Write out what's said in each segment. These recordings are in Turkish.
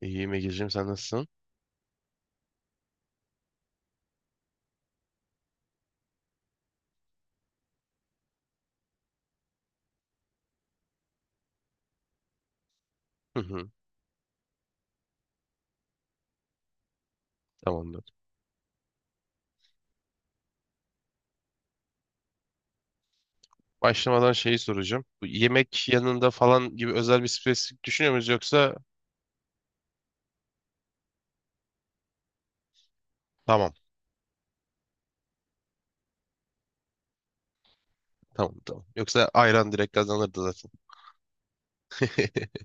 İyiyim Ege'ciğim, sen nasılsın? Hı hı, tamamdır. Başlamadan şeyi soracağım. Bu yemek yanında falan gibi özel bir spesifik düşünüyor muyuz yoksa tamam tamam. Yoksa ayran direkt kazanırdı zaten.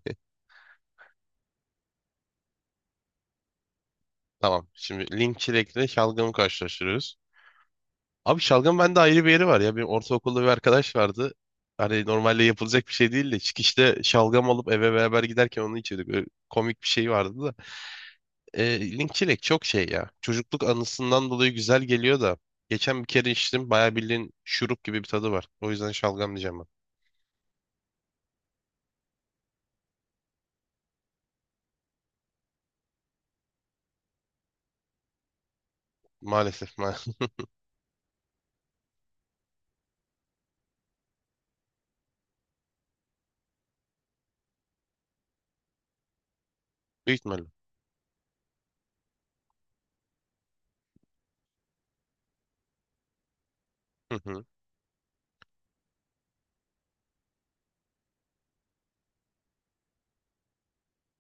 Tamam. Şimdi link çilekle şalgamı karşılaştırıyoruz. Abi şalgam bende ayrı bir yeri var ya. Benim ortaokulda bir arkadaş vardı. Hani normalde yapılacak bir şey değil de çıkışta şalgam alıp eve beraber giderken onu içiyorduk. Öyle komik bir şey vardı. E, linkçilik çok şey ya. Çocukluk anısından dolayı güzel geliyor da. Geçen bir kere içtim. Bayağı bildiğin şurup gibi bir tadı var. O yüzden şalgam diyeceğim ben. Maalesef, maalesef. Büyük ihtimalle. Hı hı.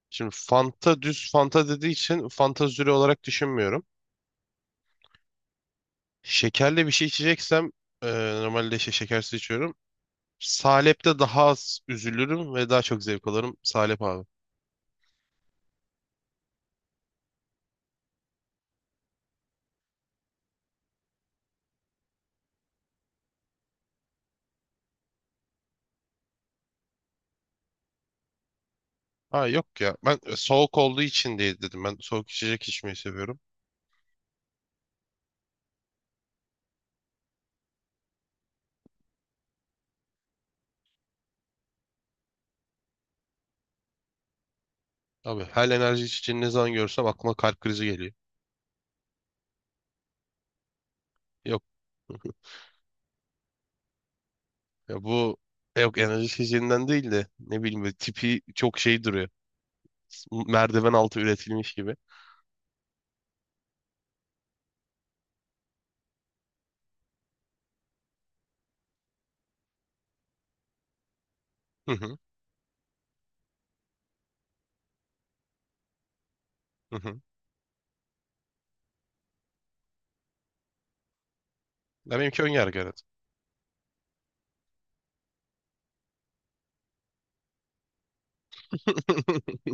Şimdi Fanta, düz Fanta dediği için Fanta Züri olarak düşünmüyorum. Şekerli bir şey içeceksem e, normalde şey şekersiz içiyorum. Salep'te daha az üzülürüm ve daha çok zevk alırım. Salep abi. Ha yok ya. Ben soğuk olduğu için diye dedim. Ben soğuk içecek içmeyi seviyorum. Abi her enerji içeceğini ne zaman görsem aklıma kalp krizi geliyor. Yok. Ya bu, yok, enerji içeceğinden değil de ne bileyim böyle tipi çok şey duruyor. Merdiven altı üretilmiş gibi. Hı hı. Hı hı. Ya benimki ön yargı, evet.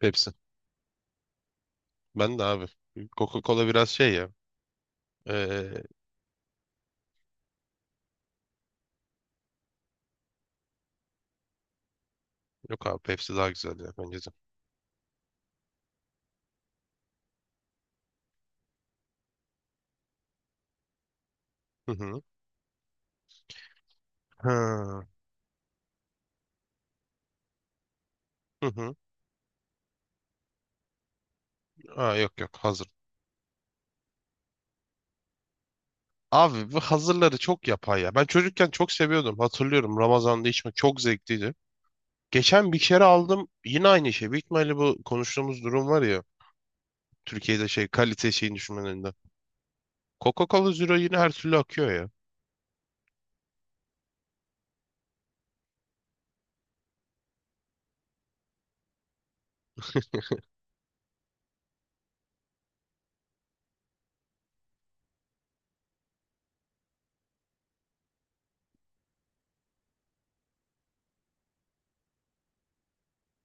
Pepsi. Ben de abi. Coca-Cola biraz şey ya. Ee, Yok abi, Pepsi daha güzel ya bence de. Hı hı. Ha. Hı hı. Aa, yok yok, hazır. Abi bu hazırları çok yapay ya. Ben çocukken çok seviyordum. Hatırlıyorum, Ramazan'da içmek çok zevkliydi. Geçen bir kere aldım yine aynı şey. Büyük ihtimalle bu konuştuğumuz durum var ya. Türkiye'de şey, kalite şeyin düşmanlarında. Coca-Cola Zero yine her türlü akıyor ya.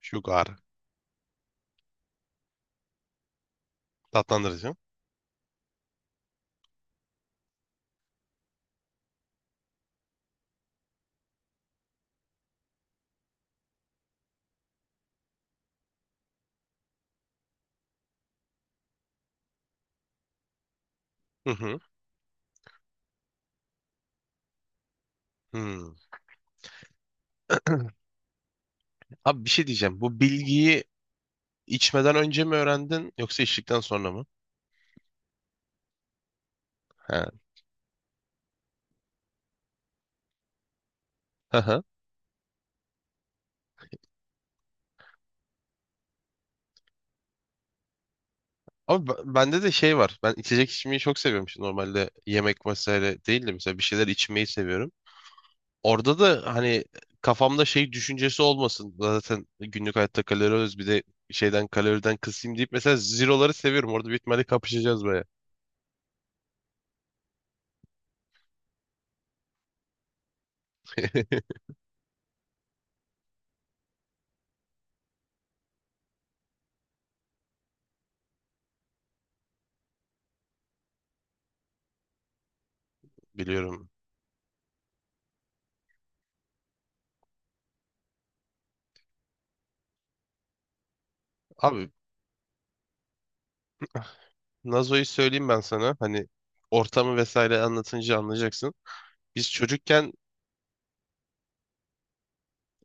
Sugar. Tatlandırıcı. Hı hı. Hmm. Abi bir şey diyeceğim. Bu bilgiyi içmeden önce mi öğrendin yoksa içtikten sonra mı? He. Hı hı. Ama b- bende de şey var. Ben içecek içmeyi çok seviyorum. Şimdi normalde yemek vesaire değil de mesela bir şeyler içmeyi seviyorum. Orada da hani kafamda şey düşüncesi olmasın. Zaten günlük hayatta kalori alıyoruz. Bir de şeyden, kaloriden kısayım deyip mesela zeroları seviyorum. Orada büyük ihtimalle kapışacağız baya. Biliyorum. Abi Nazo'yu söyleyeyim ben sana. Hani ortamı vesaire anlatınca anlayacaksın. Biz çocukken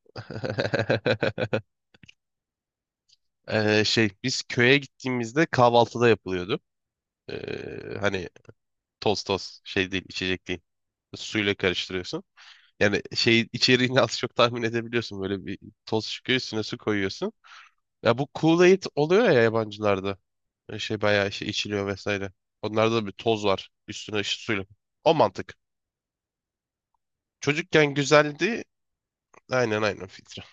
şey, biz köye gittiğimizde kahvaltıda yapılıyordu. Hani toz, toz şey değil, içecek değil. Suyla karıştırıyorsun. Yani şey içeriğini az çok tahmin edebiliyorsun. Böyle bir toz çıkıyor, üstüne su koyuyorsun. Ya bu Kool-Aid oluyor ya yabancılarda. Böyle şey bayağı şey içiliyor vesaire. Onlarda da bir toz var, üstüne işte suyla. O mantık. Çocukken güzeldi. Aynen aynen, filtre.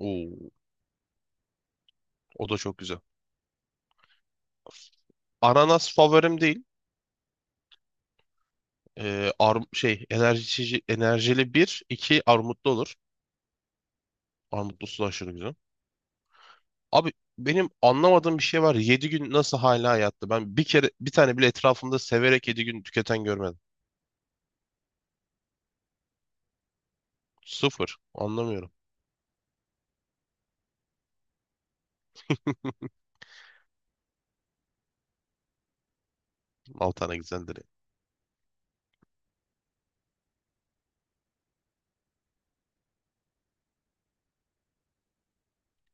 Oo, o da çok güzel. Ananas favorim değil. Arm şey enerji, içici- enerjili bir, iki armutlu olur. Armutlusu da aşırı güzel. Abi benim anlamadığım bir şey var. 7 gün nasıl hala hayatta? Ben bir kere bir tane bile etrafımda severek yedi gün tüketen görmedim. Sıfır. Anlamıyorum. Al tane güzeldir.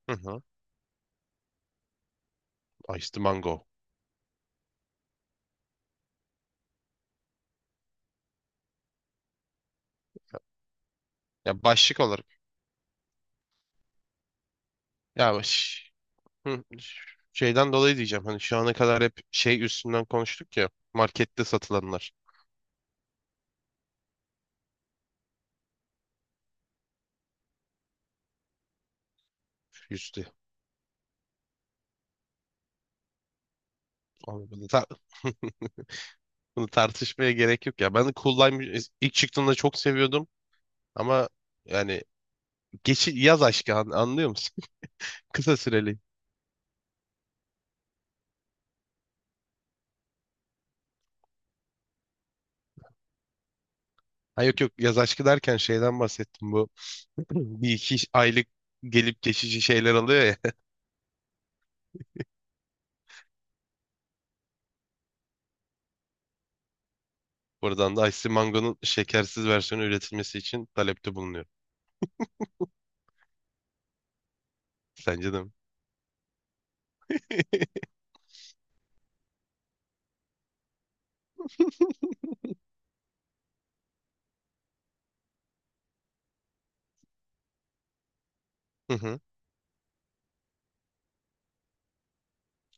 Ya. Hı hı. Iced mango. Ya başlık olarak. Ya baş... Hı, şeyden dolayı diyeceğim. Hani şu ana kadar hep şey üstünden konuştuk ya. Markette satılanlar üstü. Abi bunu, tar- bunu tartışmaya gerek yok ya. Ben de Cool Lime ilk çıktığında çok seviyordum. Ama yani geçi yaz aşkı, an- anlıyor musun? Kısa süreli. Ha yok yok, yaz aşkı derken şeyden bahsettim bu. Bir iki aylık gelip geçici şeyler alıyor ya. Buradan da Ice Mango'nun şekersiz versiyonu üretilmesi için talepte bulunuyor. Sence de mi? Hı hı.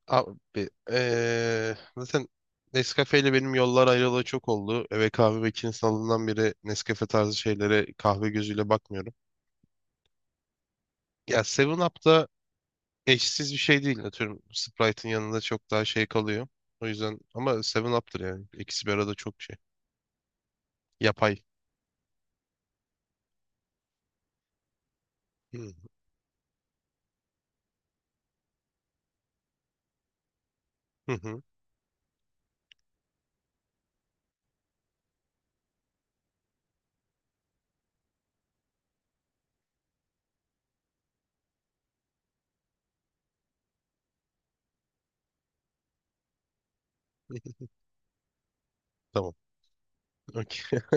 Abi, zaten Nescafe ile benim yollar ayrılalı çok oldu. Eve kahve makinesi alından beri Nescafe tarzı şeylere kahve gözüyle bakmıyorum. Ya 7 Up'ta eşsiz bir şey değil. Atıyorum, Sprite'ın yanında çok daha şey kalıyor. O yüzden ama Seven Up'tır yani. İkisi bir arada çok şey. Yapay. Hı hı, hı. Tamam. Okey.